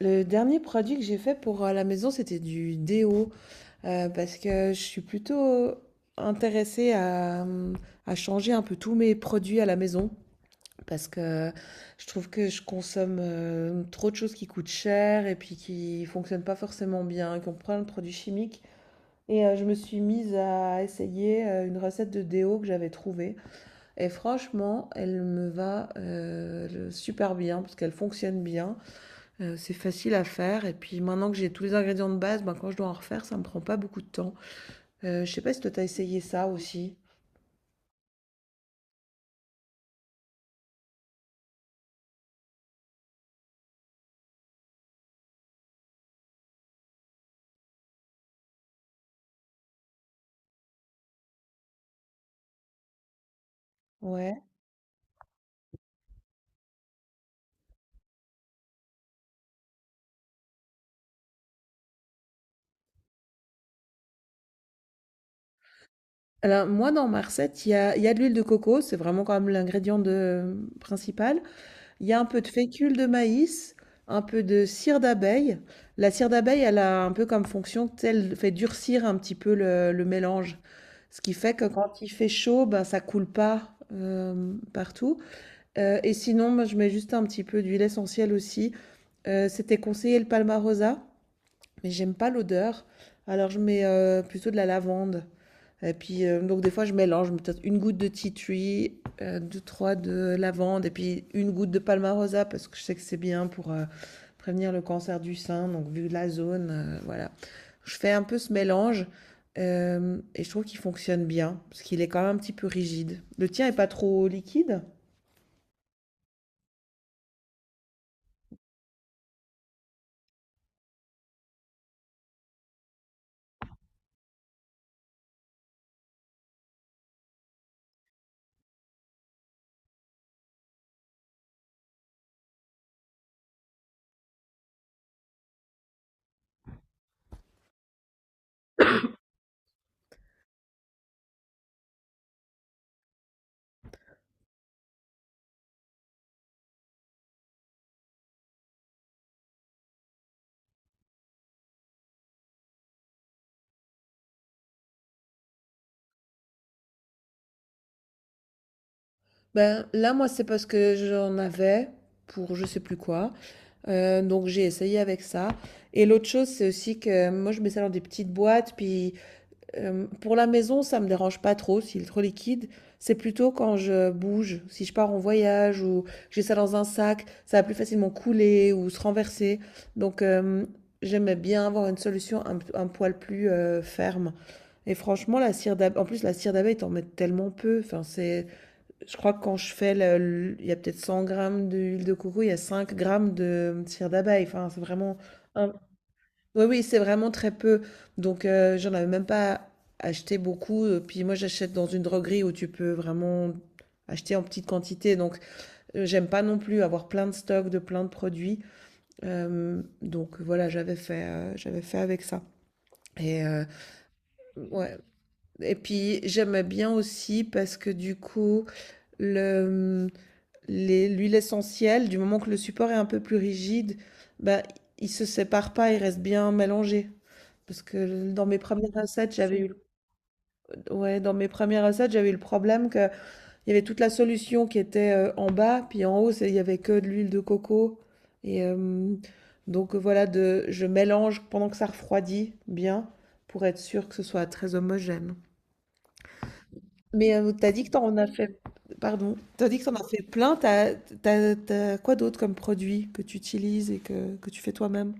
Le dernier produit que j'ai fait pour la maison, c'était du déo, parce que je suis plutôt intéressée à changer un peu tous mes produits à la maison, parce que je trouve que je consomme trop de choses qui coûtent cher et puis qui fonctionnent pas forcément bien, qui ont plein de produits chimiques. Et je me suis mise à essayer une recette de déo que j'avais trouvée. Et franchement, elle me va super bien, parce qu'elle fonctionne bien. C'est facile à faire et puis maintenant que j'ai tous les ingrédients de base, ben, quand je dois en refaire, ça me prend pas beaucoup de temps. Je sais pas si toi t'as essayé ça aussi? Ouais. Alors moi dans ma recette, il y a de l'huile de coco, c'est vraiment quand même l'ingrédient de mmh, principal. Il y a un peu de fécule de maïs, un peu de cire d'abeille. La cire d'abeille, elle a un peu comme fonction, tu sais, elle fait durcir un petit peu le mélange. Ce qui fait que quand il fait chaud, ben, ça coule pas, partout. Et sinon, moi, je mets juste un petit peu d'huile essentielle aussi. C'était conseillé le Palmarosa, mais j'aime pas l'odeur. Alors je mets plutôt de la lavande. Et puis, donc des fois, je mélange, je mets peut-être une goutte de tea tree, deux, trois de lavande, et puis une goutte de palmarosa, parce que je sais que c'est bien pour prévenir le cancer du sein, donc vu la zone, voilà. Je fais un peu ce mélange, et je trouve qu'il fonctionne bien, parce qu'il est quand même un petit peu rigide. Le tien est pas trop liquide? Ben, là, moi, c'est parce que j'en avais pour je sais plus quoi. Donc, j'ai essayé avec ça. Et l'autre chose, c'est aussi que moi, je mets ça dans des petites boîtes. Puis, pour la maison, ça me dérange pas trop s'il est trop liquide. C'est plutôt quand je bouge, si je pars en voyage ou que j'ai ça dans un sac, ça va plus facilement couler ou se renverser. Donc, j'aimais bien avoir une solution un poil plus ferme. Et franchement, la cire d'abeille, en plus, la cire d'abeille, t'en mets tellement peu. Enfin, c'est. Je crois que quand je fais, il y a peut-être 100 grammes d'huile de coco, il y a 5 grammes de cire d'abeille. Enfin, c'est vraiment... un- Oui, oui, c'est vraiment très peu. Donc, j'en avais même pas acheté beaucoup. Puis moi, j'achète dans une droguerie où tu peux vraiment acheter en petite quantité. Donc, j'aime pas non plus avoir plein de stocks de plein de produits. Donc, voilà, j'avais fait avec ça. Et, ouais. Et puis, j'aimais bien aussi parce que du coup, le... l'huile essentielle, du moment que le support est un peu plus rigide, bah, il se sépare pas, il reste bien mélangé. Parce que dans mes premières recettes, j'avais eu, ouais, dans mes premières recettes, j'avais eu le problème que il y avait toute la solution qui était en bas, puis en haut, il y avait que de l'huile de coco. Et euh, donc voilà, je mélange pendant que ça refroidit bien pour être sûr que ce soit très homogène. T'as dit que t'en as fait, pardon, t'as dit que t'en as fait plein, t'as quoi d'autre comme produit que tu utilises et que tu fais toi-même?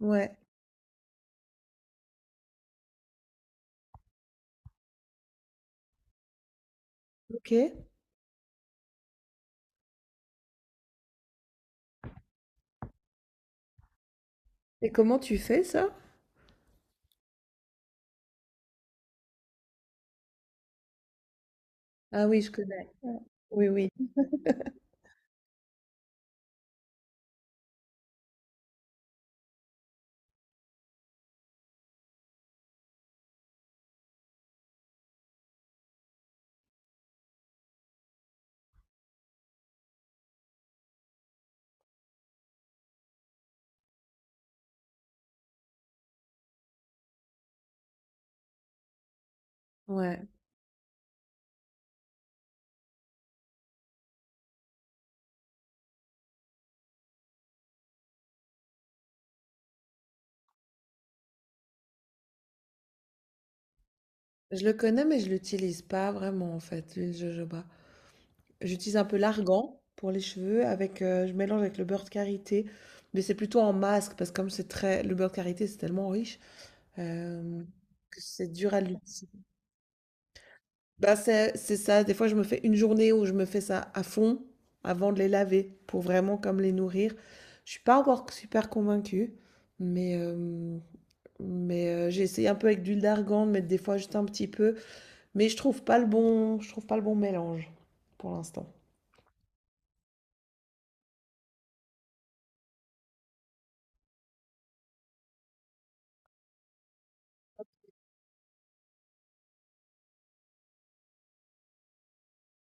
Ouais, ok. Et comment tu fais ça? Ah oui, je connais. Oui, oui. Ouais, je le connais, mais je l'utilise pas vraiment en fait, l'huile de jojoba. J'utilise un peu l'argan pour les cheveux, je mélange avec le beurre de karité, mais c'est plutôt en masque parce que comme c'est très, le beurre de karité c'est tellement riche euh, que c'est dur à l'utiliser. Bah, c'est ça, des fois je me fais une journée où je me fais ça à fond avant de les laver pour vraiment comme les nourrir. Je suis pas encore super convaincue, mais, euh, mais j'ai essayé un peu avec d'huile d'argan, de mettre des fois juste un petit peu, mais je trouve pas le bon, je trouve pas le bon mélange pour l'instant.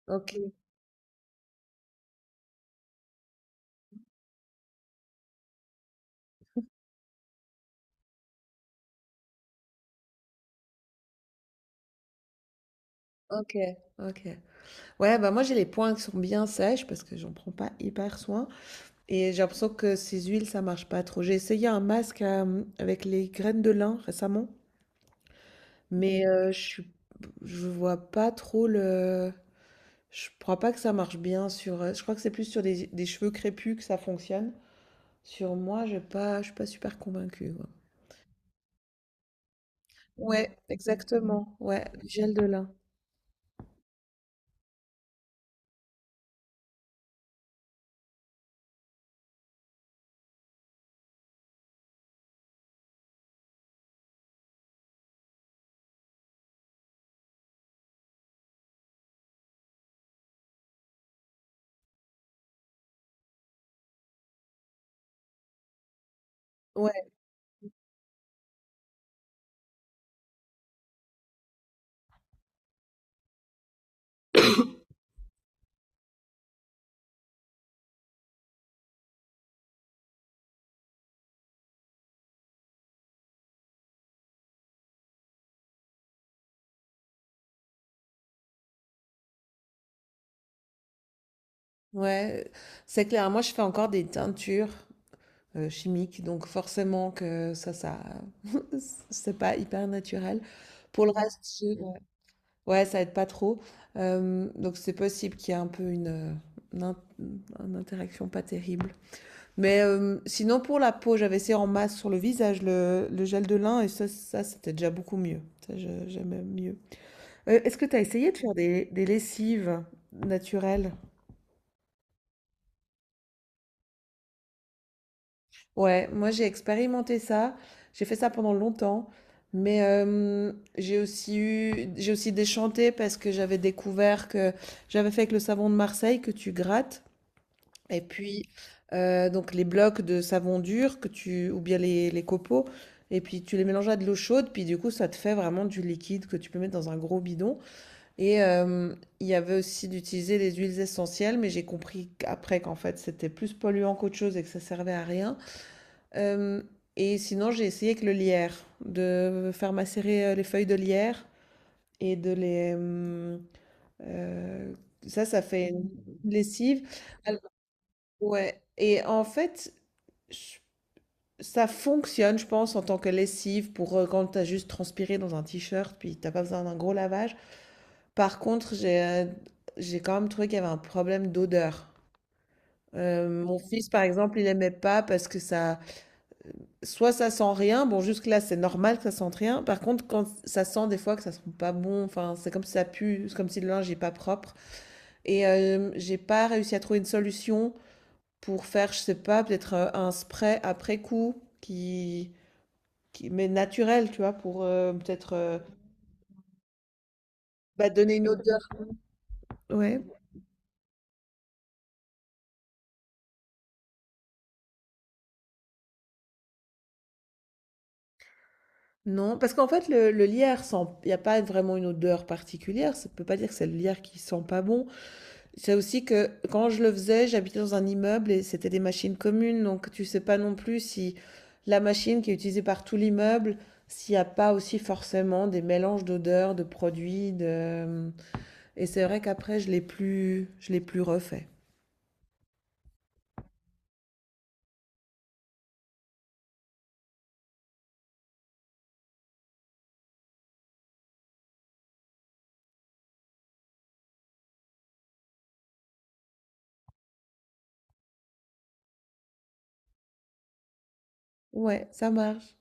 Ok, ok, ok. Ouais, bah moi j'ai les poings qui sont bien sèches parce que j'en prends pas hyper soin. Et j'ai l'impression que ces huiles, ça marche pas trop. J'ai essayé un masque avec les graines de lin récemment. Je suis, je vois pas trop le. Je crois pas que ça marche bien sur. Je crois que c'est plus sur des cheveux crépus que ça fonctionne. Sur moi, j'ai pas, je suis pas super convaincue, quoi. Ouais, exactement. Ouais, le gel de lin. Ouais, ouais, c'est clair. Moi, je fais encore des teintures chimiques. Donc forcément que ça, c'est pas hyper naturel. Pour le reste, ouais, ouais, ça aide pas trop. Donc c'est possible qu'il y ait un peu une in- une interaction pas terrible. Sinon pour la peau, j'avais essayé en masse sur le visage le gel de lin et ça c'était déjà beaucoup mieux. Ça, j'aimais mieux. Est-ce que tu as essayé de faire des lessives naturelles? Ouais, moi j'ai expérimenté ça, j'ai fait ça pendant longtemps, j'ai aussi eu, j'ai aussi déchanté parce que j'avais découvert que j'avais fait avec le savon de Marseille que tu grattes, et puis donc les blocs de savon dur que tu, ou bien les copeaux, et puis tu les mélanges à de l'eau chaude, puis du coup ça te fait vraiment du liquide que tu peux mettre dans un gros bidon. Et euh, il y avait aussi d'utiliser les huiles essentielles, mais j'ai compris qu'après qu'en fait c'était plus polluant qu'autre chose et que ça servait à rien. Euh, et sinon, j'ai essayé avec le lierre, de faire macérer les feuilles de lierre et de les... euh, ça, ça fait une lessive. Alors, ouais. Et en fait, je- ça fonctionne, je pense, en tant que lessive pour quand tu as juste transpiré dans un t-shirt, puis t'as pas besoin d'un gros lavage. Par contre, j'ai quand même trouvé qu'il y avait un problème d'odeur. Mon fils, par exemple, il aimait pas parce que ça... soit ça sent rien, bon jusque-là c'est normal que ça sente rien, par contre quand ça sent des fois que ça sent pas bon, enfin c'est comme si ça pue, c'est comme si le linge est pas propre, et j'ai pas réussi à trouver une solution pour faire, je sais pas, peut-être un spray après coup qui, qui mais naturel, tu vois, pour peut-être bah, donner une odeur. Ouais, non, parce qu'en fait le lierre sent, il n'y a pas vraiment une odeur particulière, ça peut pas dire que c'est le lierre qui sent pas bon, c'est aussi que quand je le faisais, j'habitais dans un immeuble et c'était des machines communes, donc tu sais pas non plus si la machine qui est utilisée par tout l'immeuble, s'il n'y a pas aussi forcément des mélanges d'odeurs, de produits, de... Et c'est vrai qu'après, je l'ai plus refait. Ouais, ça marche.